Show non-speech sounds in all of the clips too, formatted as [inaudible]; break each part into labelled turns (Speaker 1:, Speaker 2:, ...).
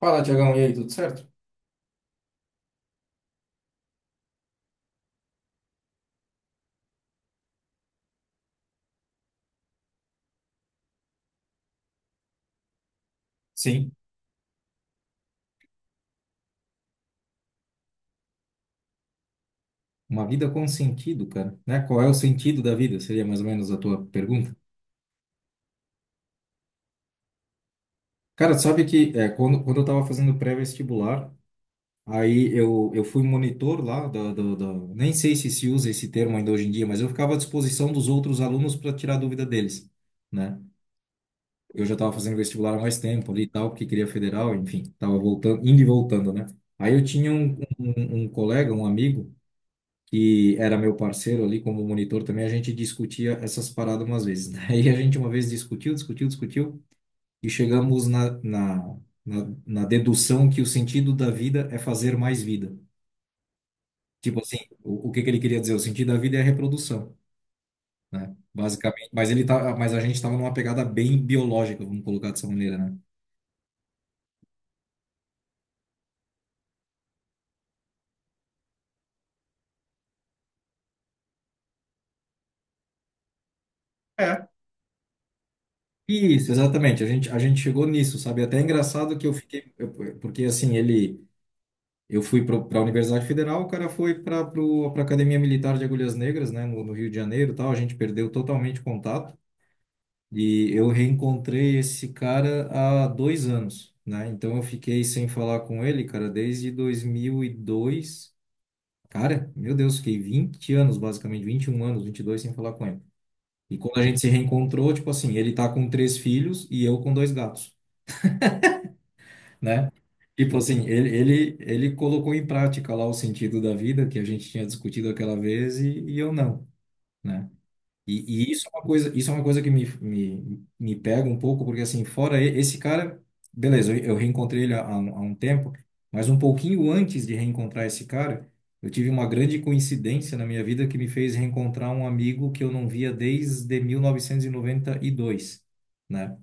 Speaker 1: Fala, Tiagão, e aí, tudo certo? Sim, uma vida com sentido, cara, né? Qual é o sentido da vida? Seria mais ou menos a tua pergunta. Cara, tu sabe que é, quando eu tava fazendo pré-vestibular, aí eu fui monitor lá, nem sei se usa esse termo ainda hoje em dia, mas eu ficava à disposição dos outros alunos para tirar dúvida deles, né? Eu já tava fazendo vestibular há mais tempo ali e tal, porque queria federal, enfim, tava voltando, indo e voltando, né? Aí eu tinha um colega, um amigo, que era meu parceiro ali como monitor também, a gente discutia essas paradas umas vezes. [laughs] Daí a gente uma vez discutiu, discutiu, discutiu e chegamos na dedução que o sentido da vida é fazer mais vida. Tipo assim, o que que ele queria dizer? O sentido da vida é a reprodução, né? Basicamente. Mas a gente estava numa pegada bem biológica, vamos colocar dessa maneira, né? É. Isso, exatamente. A gente chegou nisso, sabe? Até é engraçado que eu fiquei. Porque assim, ele Eu fui para a Universidade Federal, o cara foi para a Academia Militar de Agulhas Negras, né, no Rio de Janeiro, e tal. A gente perdeu totalmente o contato e eu reencontrei esse cara há 2 anos, né? Então eu fiquei sem falar com ele, cara, desde 2002. Cara, meu Deus, fiquei 20 anos, basicamente, 21 anos, 22 sem falar com ele. E quando a gente se reencontrou, tipo assim, ele tá com três filhos e eu com dois gatos, né? Tipo assim, ele colocou em prática lá o sentido da vida que a gente tinha discutido aquela vez e eu não, né? E isso é uma coisa, isso é uma coisa que me pega um pouco, porque assim, fora esse cara, beleza, eu reencontrei ele há um tempo, mas um pouquinho antes de reencontrar esse cara, eu tive uma grande coincidência na minha vida que me fez reencontrar um amigo que eu não via desde mil novecentos e noventa e dois, né?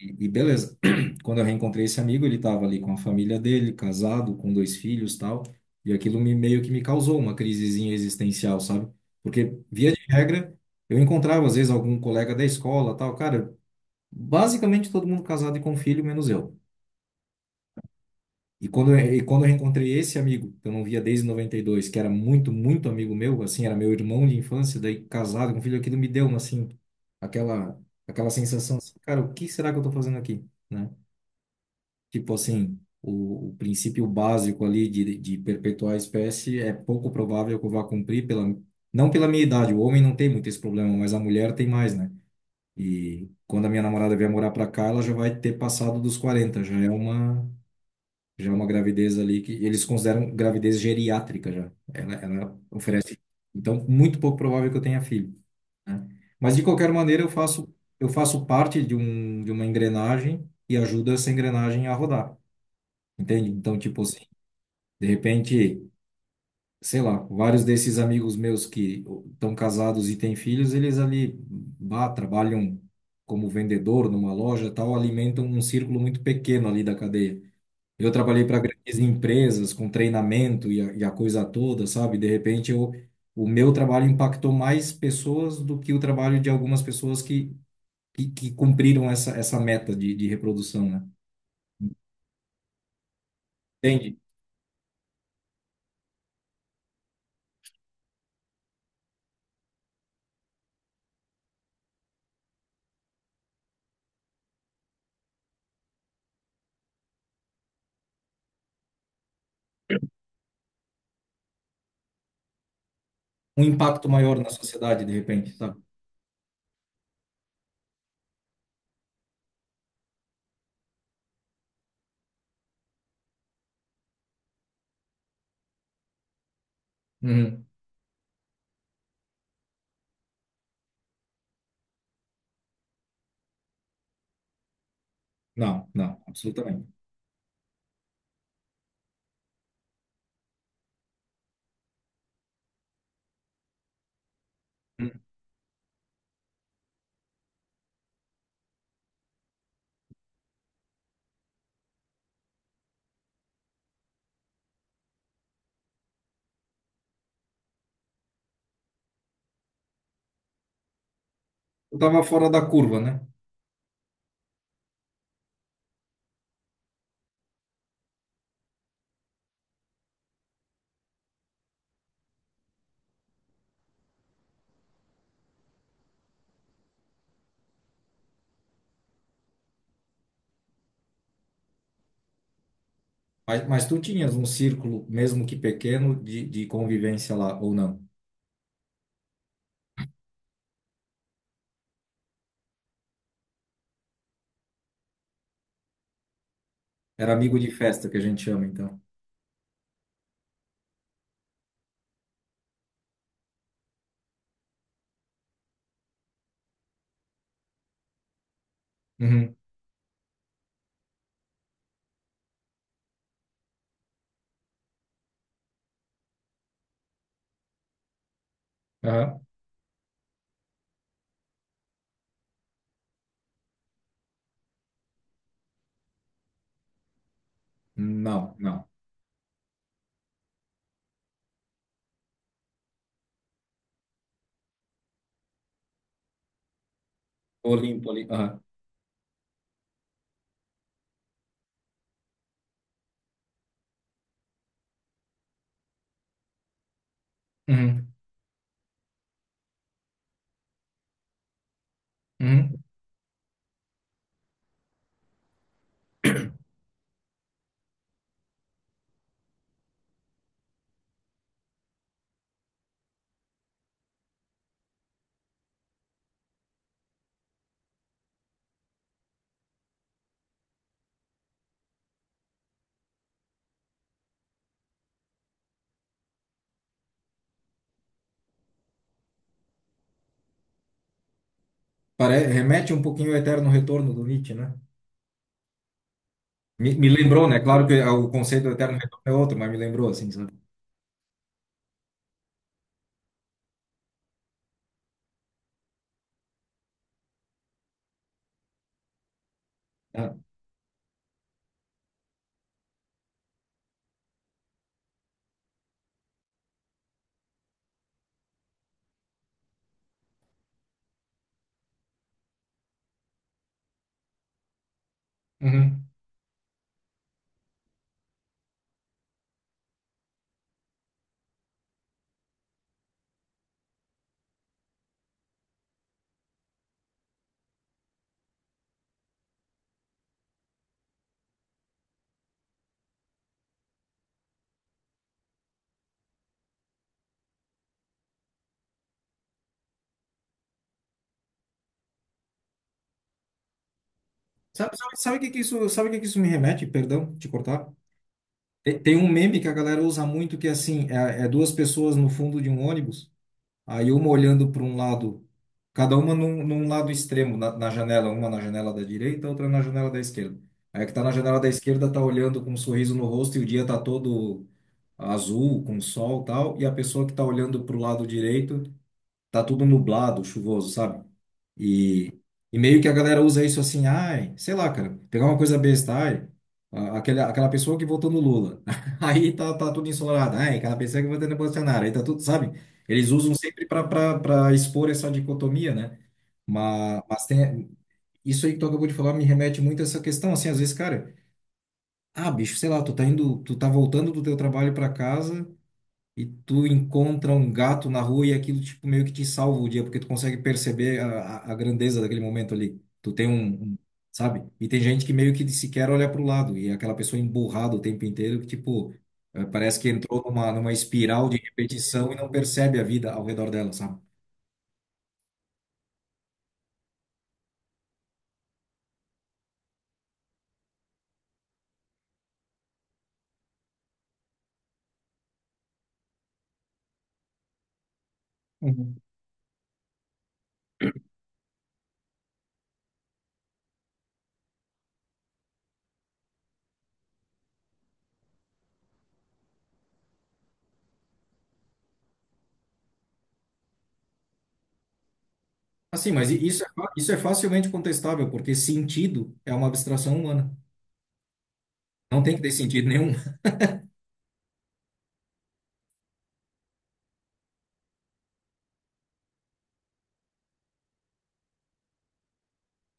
Speaker 1: E beleza. [clears throat] Quando eu reencontrei esse amigo, ele estava ali com a família dele, casado, com dois filhos, tal, e aquilo me meio que me causou uma crisezinha existencial, sabe? Porque via de regra, eu encontrava às vezes algum colega da escola, tal, cara, basicamente todo mundo casado e com filho, menos eu. E quando eu reencontrei esse amigo, que eu não via desde 92, que era muito, muito amigo meu, assim, era meu irmão de infância, daí casado com filho, aquilo me deu uma assim aquela aquela sensação, assim, cara, o que será que eu tô fazendo aqui, né? Tipo assim, o princípio básico ali de perpetuar a espécie é pouco provável que eu vá cumprir pela, não pela minha idade. O homem não tem muito esse problema, mas a mulher tem mais, né? E quando a minha namorada vier morar pra cá, ela já vai ter passado dos 40, já é uma gravidez ali que eles consideram gravidez geriátrica já. Ela oferece, então muito pouco provável que eu tenha filho, né? Mas de qualquer maneira eu faço parte de uma engrenagem e ajuda essa engrenagem a rodar. Entende? Então, tipo assim, de repente, sei lá, vários desses amigos meus que estão casados e têm filhos, eles ali bah, trabalham como vendedor numa loja, e tal, alimentam um círculo muito pequeno ali da cadeia. Eu trabalhei para grandes empresas com treinamento e a coisa toda, sabe? De repente, eu, o meu trabalho impactou mais pessoas do que o trabalho de algumas pessoas que cumpriram essa meta de reprodução, né? Entende? Um impacto maior na sociedade, de repente, sabe? Uhum. Não, não, absolutamente. Tu estava fora da curva, né? Mas tu tinhas um círculo, mesmo que pequeno, de convivência lá, ou não? Era amigo de festa que a gente chama, então. Uhum, aham. Não, não. Tô limpo ali. Aham. Uhum, uhum. Remete um pouquinho ao eterno retorno do Nietzsche, né? Me lembrou, né? Claro que o conceito do eterno retorno é outro, mas me lembrou, assim, sabe? Ah, uhum. Sabe o que que isso me remete? Perdão, te cortar. Tem um meme que a galera usa muito que é assim, é duas pessoas no fundo de um ônibus, aí uma olhando para um lado, cada uma num lado extremo na janela, uma na janela da direita, outra na janela da esquerda. Aí a que tá na janela da esquerda tá olhando com um sorriso no rosto e o dia tá todo azul, com sol e tal, e a pessoa que tá olhando para o lado direito tá tudo nublado, chuvoso, sabe? E, e meio que a galera usa isso assim, ai, sei lá, cara, pegar uma coisa besta, ai, aquela pessoa que votou no Lula, [laughs] aí tá tudo ensolarado, ai, aquela pessoa que votou no Bolsonaro, aí tá tudo, sabe? Eles usam sempre para expor essa dicotomia, né? Mas, mas tem, isso aí que tu acabou de falar me remete muito a essa questão, assim, às vezes, cara, ah, bicho, sei lá, tu tá indo, tu tá voltando do teu trabalho para casa e tu encontra um gato na rua e aquilo tipo meio que te salva o dia, porque tu consegue perceber a grandeza daquele momento ali. Tu tem um, um- sabe? E tem gente que meio que sequer olha pro lado e é aquela pessoa emburrada o tempo inteiro que tipo parece que entrou numa espiral de repetição e não percebe a vida ao redor dela, sabe? Uhum. Assim, mas isso é facilmente contestável, porque sentido é uma abstração humana. Não tem que ter sentido nenhum.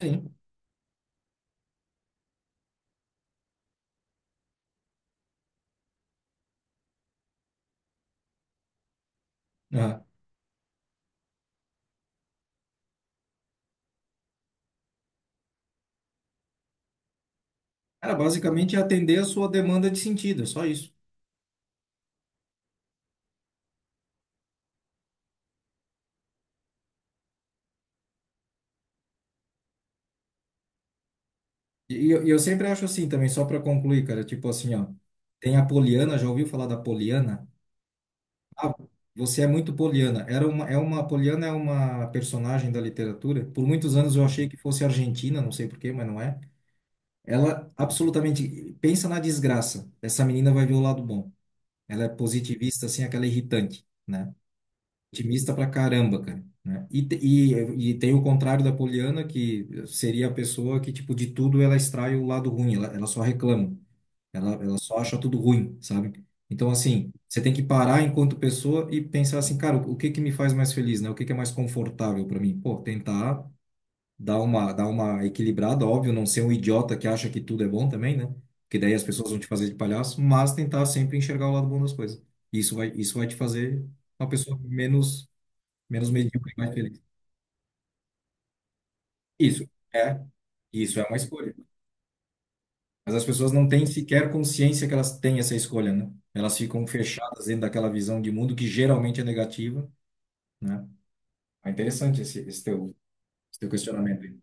Speaker 1: [laughs] Sim. Ah. Cara, basicamente é atender a sua demanda de sentido, é só isso. E eu sempre acho assim também, só para concluir, cara, tipo assim, ó, tem a Poliana, já ouviu falar da Poliana? Ah, você é muito Poliana. Era uma, é uma, a Poliana é uma personagem da literatura. Por muitos anos eu achei que fosse argentina, não sei por quê, mas não é. Ela absolutamente, pensa na desgraça. Essa menina vai ver o lado bom. Ela é positivista, assim, aquela irritante, né? Otimista pra caramba, cara. Né? E tem o contrário da Poliana, que seria a pessoa que, tipo, de tudo ela extrai o lado ruim, ela só reclama. Ela só acha tudo ruim, sabe? Então, assim, você tem que parar enquanto pessoa e pensar assim, cara, o que que me faz mais feliz, né? O que que é mais confortável para mim? Pô, tentar dar uma equilibrada, óbvio, não ser um idiota que acha que tudo é bom também, né? Porque daí as pessoas vão te fazer de palhaço, mas tentar sempre enxergar o lado bom das coisas. Isso vai te fazer uma pessoa menos medíocre e mais feliz. Isso é, isso é uma escolha. Mas as pessoas não têm sequer consciência que elas têm essa escolha, né? Elas ficam fechadas dentro daquela visão de mundo que geralmente é negativa, né? É interessante esse teu questionamento aí.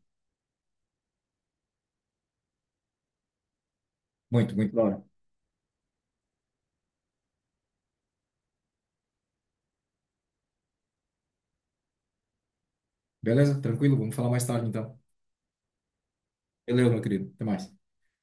Speaker 1: Muito, muito da hora. Beleza? Tranquilo? Vamos falar mais tarde, então. Valeu, meu querido. Até mais.